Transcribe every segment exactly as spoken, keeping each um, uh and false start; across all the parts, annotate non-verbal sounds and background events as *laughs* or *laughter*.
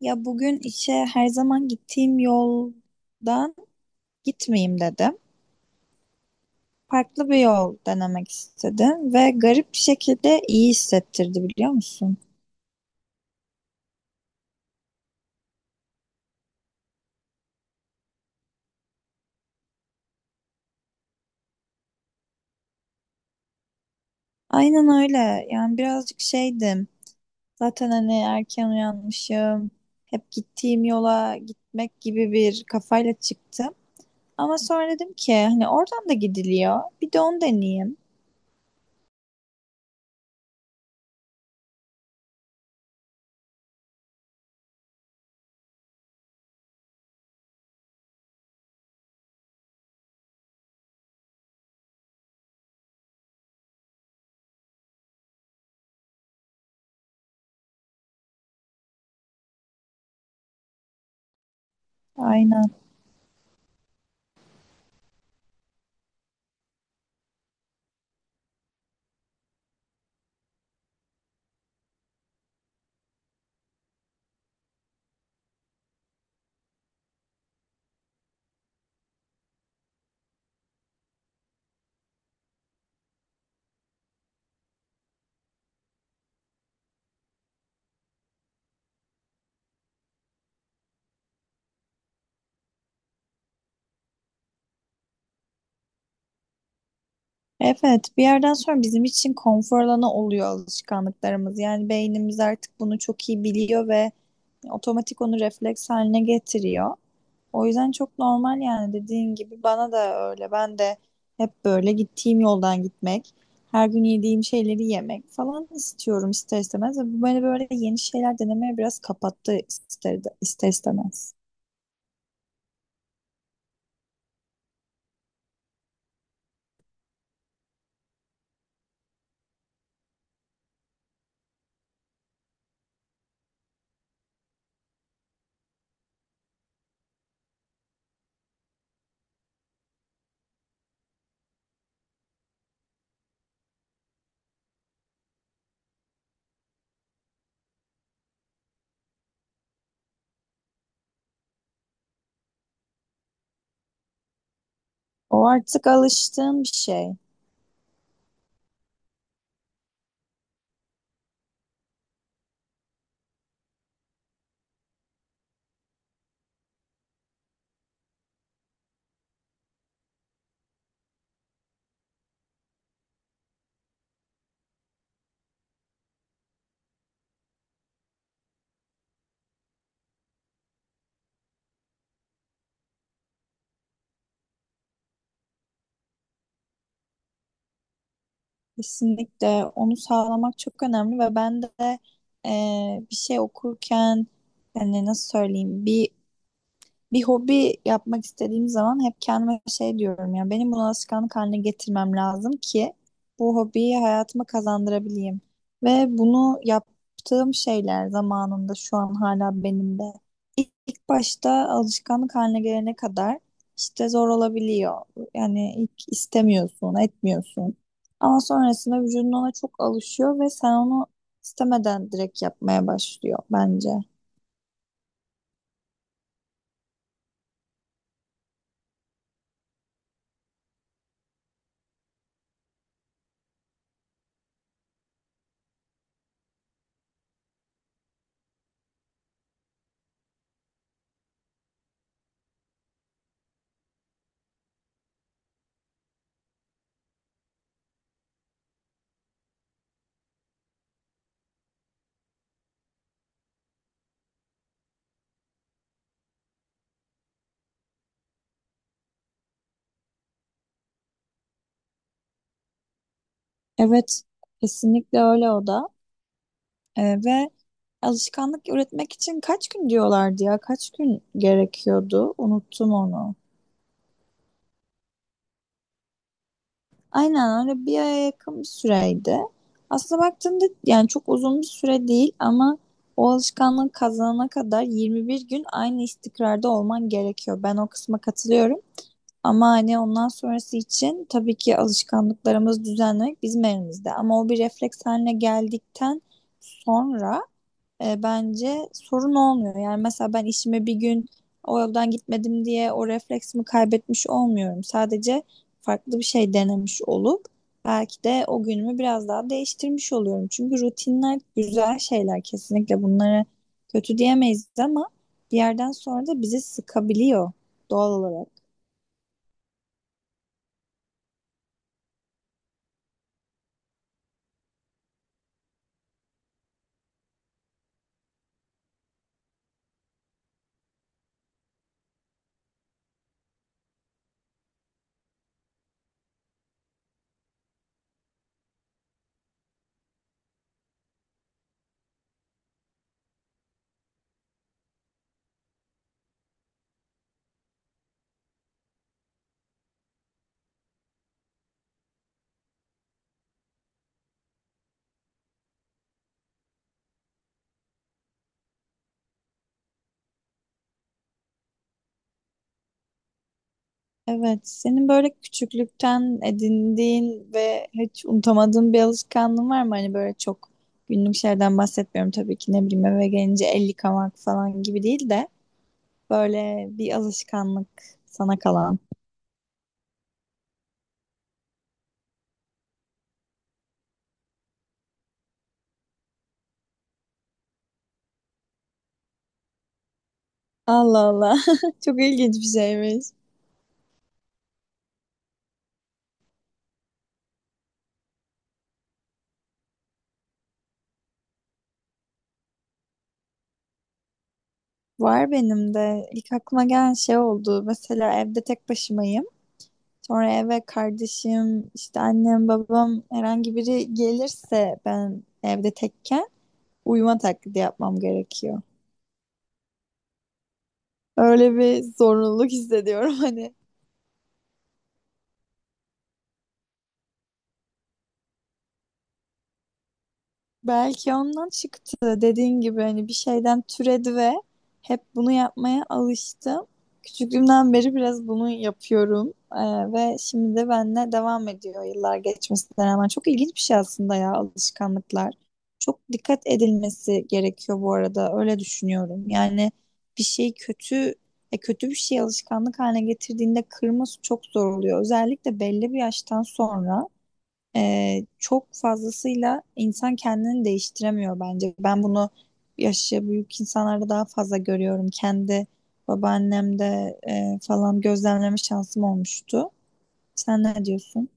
Ya bugün işe her zaman gittiğim yoldan gitmeyeyim dedim. Farklı bir yol denemek istedim ve garip bir şekilde iyi hissettirdi biliyor musun? Aynen öyle. Yani birazcık şeydim. Zaten hani erken uyanmışım. Hep gittiğim yola gitmek gibi bir kafayla çıktım. Ama sonra dedim ki hani oradan da gidiliyor. Bir de onu deneyeyim. Aynen. Evet, bir yerden sonra bizim için konfor alanı oluyor alışkanlıklarımız. Yani beynimiz artık bunu çok iyi biliyor ve otomatik onu refleks haline getiriyor. O yüzden çok normal yani dediğin gibi bana da öyle. Ben de hep böyle gittiğim yoldan gitmek, her gün yediğim şeyleri yemek falan istiyorum ister istemez. Ve bu beni böyle yeni şeyler denemeye biraz kapattı ister, ister istemez. O artık alıştığım bir şey. Kesinlikle onu sağlamak çok önemli ve ben de e, bir şey okurken hani nasıl söyleyeyim bir bir hobi yapmak istediğim zaman hep kendime şey diyorum ya benim bunu alışkanlık haline getirmem lazım ki bu hobiyi hayatıma kazandırabileyim. Ve bunu yaptığım şeyler zamanında şu an hala benimde. İlk ilk başta alışkanlık haline gelene kadar işte zor olabiliyor. Yani ilk istemiyorsun, etmiyorsun. Ama sonrasında vücudun ona çok alışıyor ve sen onu istemeden direkt yapmaya başlıyor bence. Evet, kesinlikle öyle o da. Ee, ve alışkanlık üretmek için kaç gün diyorlardı ya? Kaç gün gerekiyordu? Unuttum onu. Aynen öyle, bir aya yakın bir süreydi. Aslında baktığımda yani çok uzun bir süre değil, ama o alışkanlığı kazanana kadar yirmi bir gün aynı istikrarda olman gerekiyor. Ben o kısma katılıyorum. Ama hani ondan sonrası için tabii ki alışkanlıklarımızı düzenlemek bizim elimizde. Ama o bir refleks haline geldikten sonra e, bence sorun olmuyor. Yani mesela ben işime bir gün o yoldan gitmedim diye o refleksimi kaybetmiş olmuyorum. Sadece farklı bir şey denemiş olup belki de o günümü biraz daha değiştirmiş oluyorum. Çünkü rutinler güzel şeyler, kesinlikle bunları kötü diyemeyiz, ama bir yerden sonra da bizi sıkabiliyor doğal olarak. Evet, senin böyle küçüklükten edindiğin ve hiç unutamadığın bir alışkanlığın var mı? Hani böyle çok günlük şeylerden bahsetmiyorum tabii ki, ne bileyim eve gelince el yıkamak falan gibi değil de böyle bir alışkanlık sana kalan. Allah Allah. *laughs* Çok ilginç bir şeymiş. Var benim de. İlk aklıma gelen şey oldu. Mesela evde tek başımayım. Sonra eve kardeşim, işte annem, babam herhangi biri gelirse ben evde tekken uyuma taklidi yapmam gerekiyor. Öyle bir zorunluluk hissediyorum *laughs* hani. Belki ondan çıktı dediğin gibi hani, bir şeyden türedi ve hep bunu yapmaya alıştım. Küçüklüğümden beri biraz bunu yapıyorum. Ee, ve şimdi de benimle devam ediyor yıllar geçmesine rağmen. Çok ilginç bir şey aslında ya, alışkanlıklar. Çok dikkat edilmesi gerekiyor bu arada, öyle düşünüyorum. Yani bir şey kötü e, kötü bir şey alışkanlık haline getirdiğinde kırması çok zor oluyor. Özellikle belli bir yaştan sonra. Ee, çok fazlasıyla insan kendini değiştiremiyor bence. Ben bunu yaşı büyük insanlarda daha fazla görüyorum. Kendi babaannemde e, falan gözlemleme şansım olmuştu. Sen ne diyorsun?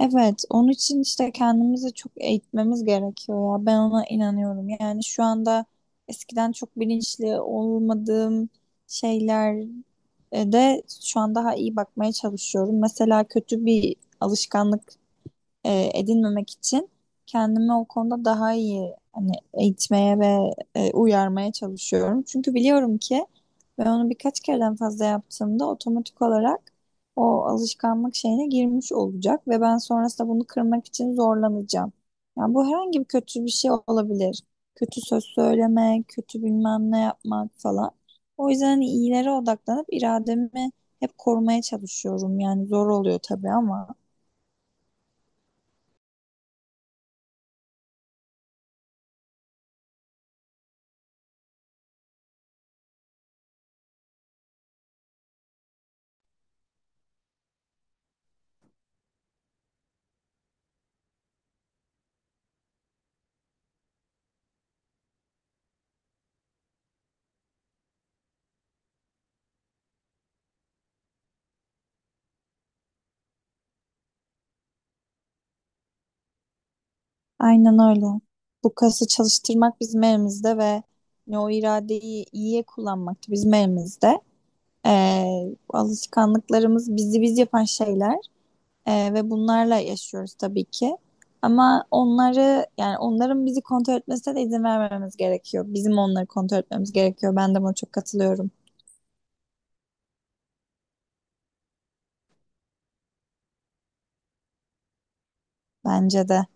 Evet, onun için işte kendimizi çok eğitmemiz gerekiyor ya. Ben ona inanıyorum. Yani şu anda eskiden çok bilinçli olmadığım şeyler e, de şu an daha iyi bakmaya çalışıyorum. Mesela kötü bir alışkanlık e, edinmemek için kendimi o konuda daha iyi hani eğitmeye ve e, uyarmaya çalışıyorum. Çünkü biliyorum ki ben onu birkaç kereden fazla yaptığımda otomatik olarak o alışkanlık şeyine girmiş olacak ve ben sonrasında bunu kırmak için zorlanacağım. Yani bu herhangi bir kötü bir şey olabilir. Kötü söz söylemek, kötü bilmem ne yapmak falan. O yüzden hani iyilere odaklanıp irademi hep korumaya çalışıyorum. Yani zor oluyor tabii ama. Aynen öyle. Bu kası çalıştırmak bizim elimizde ve ne o iradeyi iyiye kullanmak da bizim elimizde. Ee, alışkanlıklarımız bizi biz yapan şeyler ee, ve bunlarla yaşıyoruz tabii ki. Ama onları yani onların bizi kontrol etmesine de izin vermememiz gerekiyor. Bizim onları kontrol etmemiz gerekiyor. Ben de buna çok katılıyorum. Bence de.